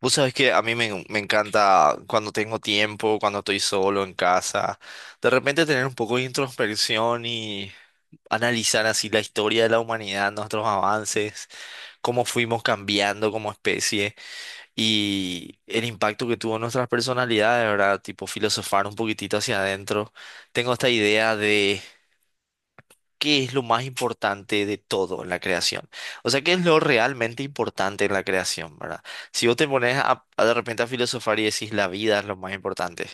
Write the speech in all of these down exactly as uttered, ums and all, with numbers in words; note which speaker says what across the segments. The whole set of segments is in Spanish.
Speaker 1: Vos sabés que a mí me, me encanta cuando tengo tiempo, cuando estoy solo en casa, de repente tener un poco de introspección y analizar así la historia de la humanidad, nuestros avances, cómo fuimos cambiando como especie y el impacto que tuvo en nuestras personalidades, ¿verdad? Tipo filosofar un poquitito hacia adentro. Tengo esta idea de qué es lo más importante de todo en la creación. O sea, qué es lo realmente importante en la creación, ¿verdad? Si vos te pones a, a de repente a filosofar y decís la vida es lo más importante,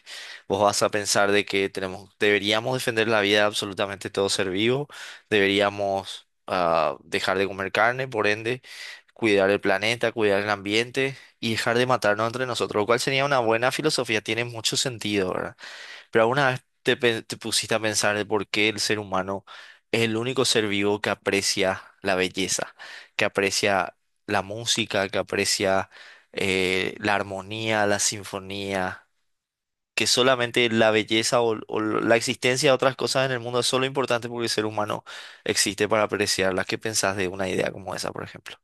Speaker 1: vos vas a pensar de que tenemos, deberíamos defender la vida de absolutamente todo ser vivo, deberíamos ah, dejar de comer carne, por ende, cuidar el planeta, cuidar el ambiente y dejar de matarnos entre nosotros, lo cual sería una buena filosofía, tiene mucho sentido, ¿verdad? Pero alguna vez te, pe- te pusiste a pensar de por qué el ser humano es el único ser vivo que aprecia la belleza, que aprecia la música, que aprecia eh, la armonía, la sinfonía, que solamente la belleza o, o la existencia de otras cosas en el mundo es solo importante porque el ser humano existe para apreciarlas. ¿Qué pensás de una idea como esa, por ejemplo?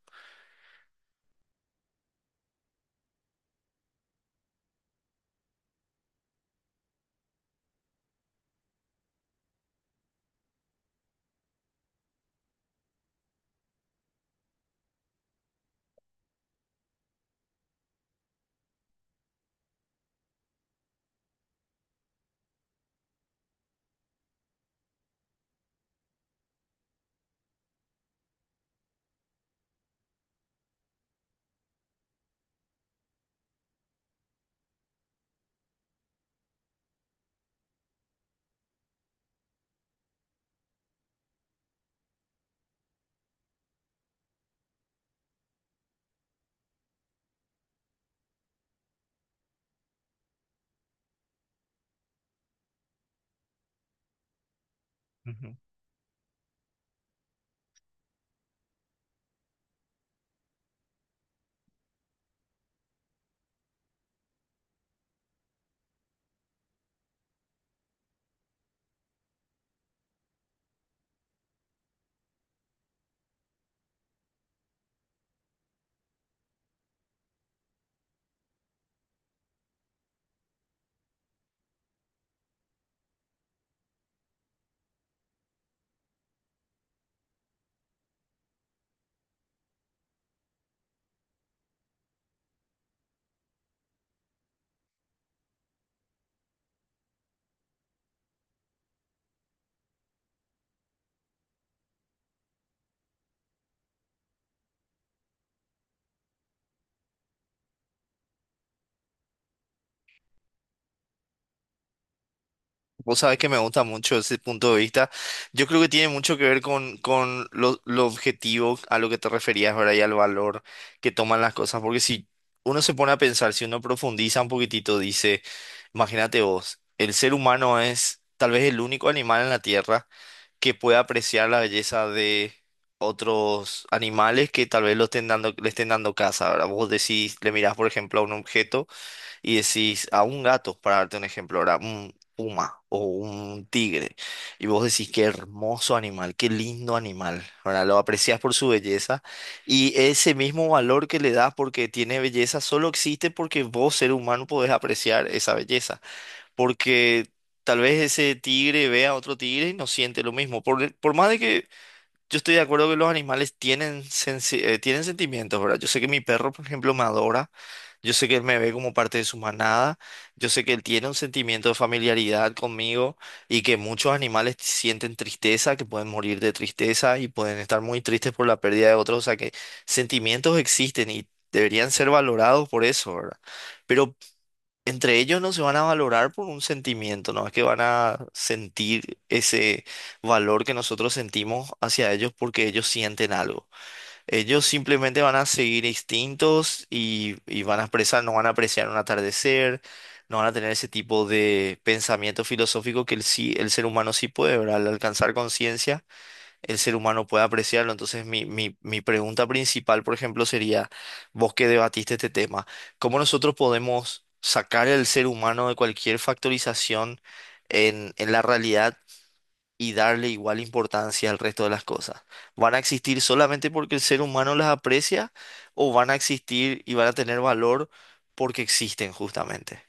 Speaker 1: Vos sabés que me gusta mucho ese punto de vista. Yo creo que tiene mucho que ver con, con lo, lo objetivo a lo que te referías, ¿verdad? Y al valor que toman las cosas. Porque si uno se pone a pensar, si uno profundiza un poquitito, dice, imagínate vos, el ser humano es tal vez el único animal en la Tierra que puede apreciar la belleza de otros animales que tal vez lo estén dando, le estén dando caza, ¿verdad? Vos decís, le mirás, por ejemplo, a un objeto y decís a un gato, para darte un ejemplo ahora, un puma o un tigre, y vos decís qué hermoso animal, qué lindo animal, ¿verdad? Lo aprecias por su belleza y ese mismo valor que le das porque tiene belleza solo existe porque vos, ser humano, podés apreciar esa belleza, porque tal vez ese tigre vea a otro tigre y no siente lo mismo. Por, por más de que yo estoy de acuerdo que los animales tienen, sensi- eh, tienen sentimientos, ¿verdad? Yo sé que mi perro, por ejemplo, me adora. Yo sé que él me ve como parte de su manada. Yo sé que él tiene un sentimiento de familiaridad conmigo y que muchos animales sienten tristeza, que pueden morir de tristeza y pueden estar muy tristes por la pérdida de otros. O sea que sentimientos existen y deberían ser valorados por eso, ¿verdad? Pero entre ellos no se van a valorar por un sentimiento, no es que van a sentir ese valor que nosotros sentimos hacia ellos porque ellos sienten algo. Ellos simplemente van a seguir instintos y, y van a expresar, no van a apreciar un atardecer, no van a tener ese tipo de pensamiento filosófico que el, sí, el ser humano sí puede, ¿verdad? Al alcanzar conciencia el ser humano puede apreciarlo. Entonces, mi, mi, mi pregunta principal, por ejemplo, sería, vos que debatiste este tema, ¿cómo nosotros podemos sacar al ser humano de cualquier factorización en, en la realidad y darle igual importancia al resto de las cosas? ¿Van a existir solamente porque el ser humano las aprecia o van a existir y van a tener valor porque existen justamente?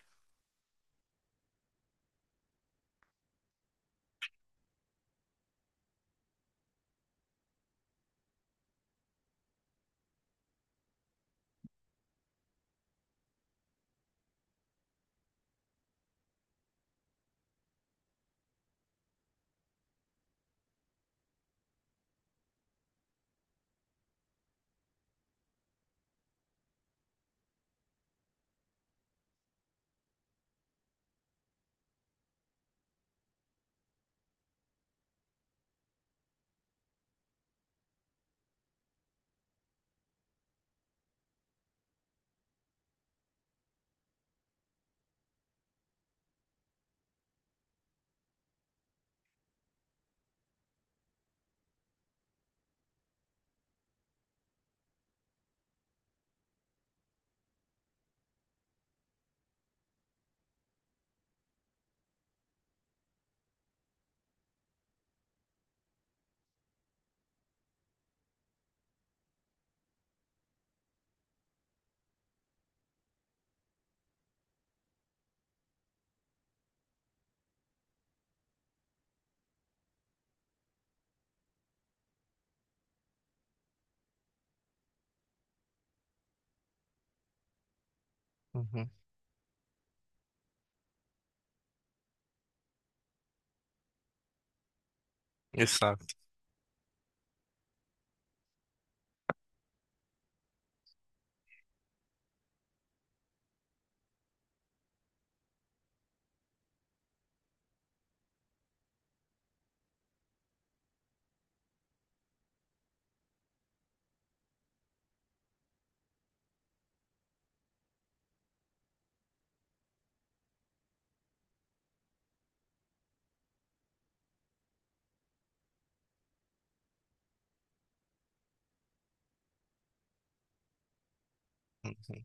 Speaker 1: Ujú. Exacto. Ujú.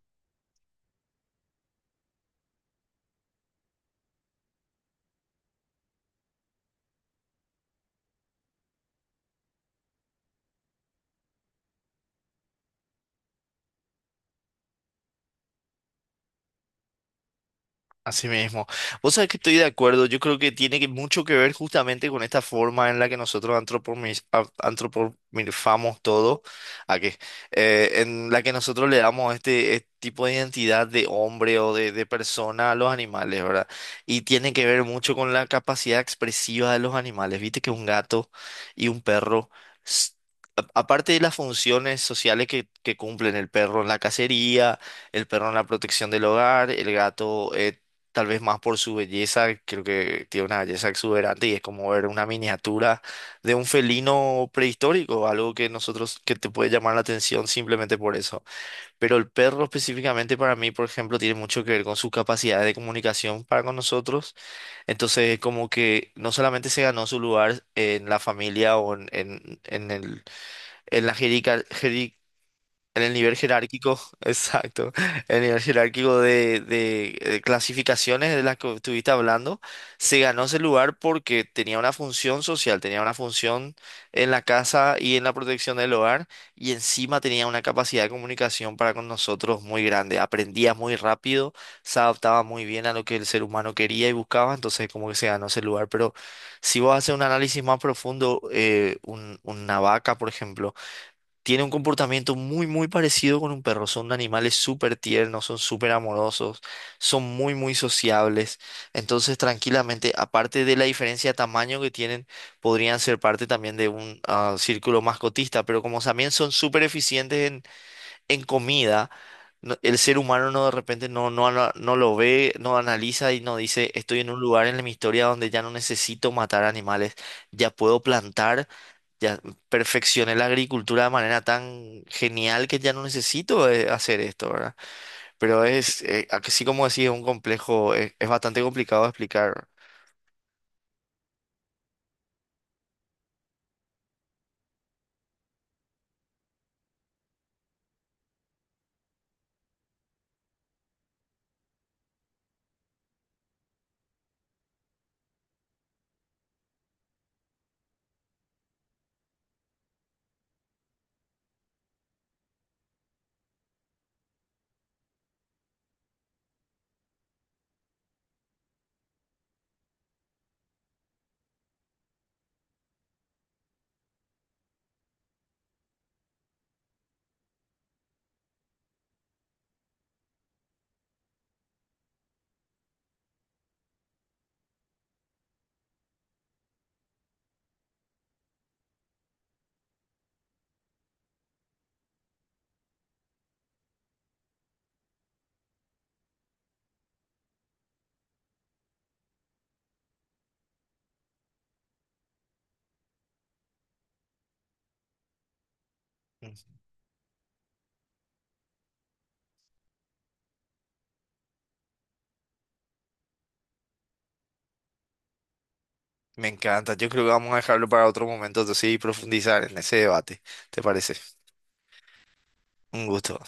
Speaker 1: Así mismo. Vos sabés que estoy de acuerdo. Yo creo que tiene que- mucho que ver justamente con esta forma en la que nosotros antropomis- a- antropomorfamos todo. ¿A qué? Eh, en la que nosotros le damos este, este tipo de identidad de hombre o de, de persona a los animales, ¿verdad? Y tiene que ver mucho con la capacidad expresiva de los animales. Viste que un gato y un perro. s- a- Aparte de las funciones sociales que, que cumplen el perro en la cacería, el perro en la protección del hogar, el gato eh, tal vez más por su belleza, creo que tiene una belleza exuberante y es como ver una miniatura de un felino prehistórico, algo que nosotros, que te puede llamar la atención simplemente por eso. Pero el perro específicamente para mí, por ejemplo, tiene mucho que ver con sus capacidades de comunicación para con nosotros. Entonces, como que no solamente se ganó su lugar en la familia o en, en, en el, en la en el nivel jerárquico, exacto, en el nivel jerárquico de, de, eh, clasificaciones de las que estuviste hablando, se ganó ese lugar porque tenía una función social, tenía una función en la casa y en la protección del hogar, y encima tenía una capacidad de comunicación para con nosotros muy grande. Aprendía muy rápido, se adaptaba muy bien a lo que el ser humano quería y buscaba, entonces como que se ganó ese lugar. Pero si vos haces un análisis más profundo, eh, un- una vaca, por ejemplo, tiene un comportamiento muy, muy parecido con un perro. Son animales súper tiernos, son súper amorosos, son muy, muy sociables. Entonces, tranquilamente, aparte de la diferencia de tamaño que tienen, podrían ser parte también de un ah, círculo mascotista, pero como también son súper eficientes en comida, no- el ser humano no de repente no, no, ana- no lo ve, no analiza y no dice, estoy en un lugar en mi historia donde ya no necesito matar animales, ya puedo plantar, ya perfeccioné la agricultura de manera tan genial que ya no necesito eh, hacer esto, ¿verdad? Pero es, eh, así como decía, es un complejo, es, es bastante complicado de explicar. Mm. Me encanta, yo creo que vamos a dejarlo para otro momento, entonces, y profundizar en ese debate, ¿te parece? Un gusto.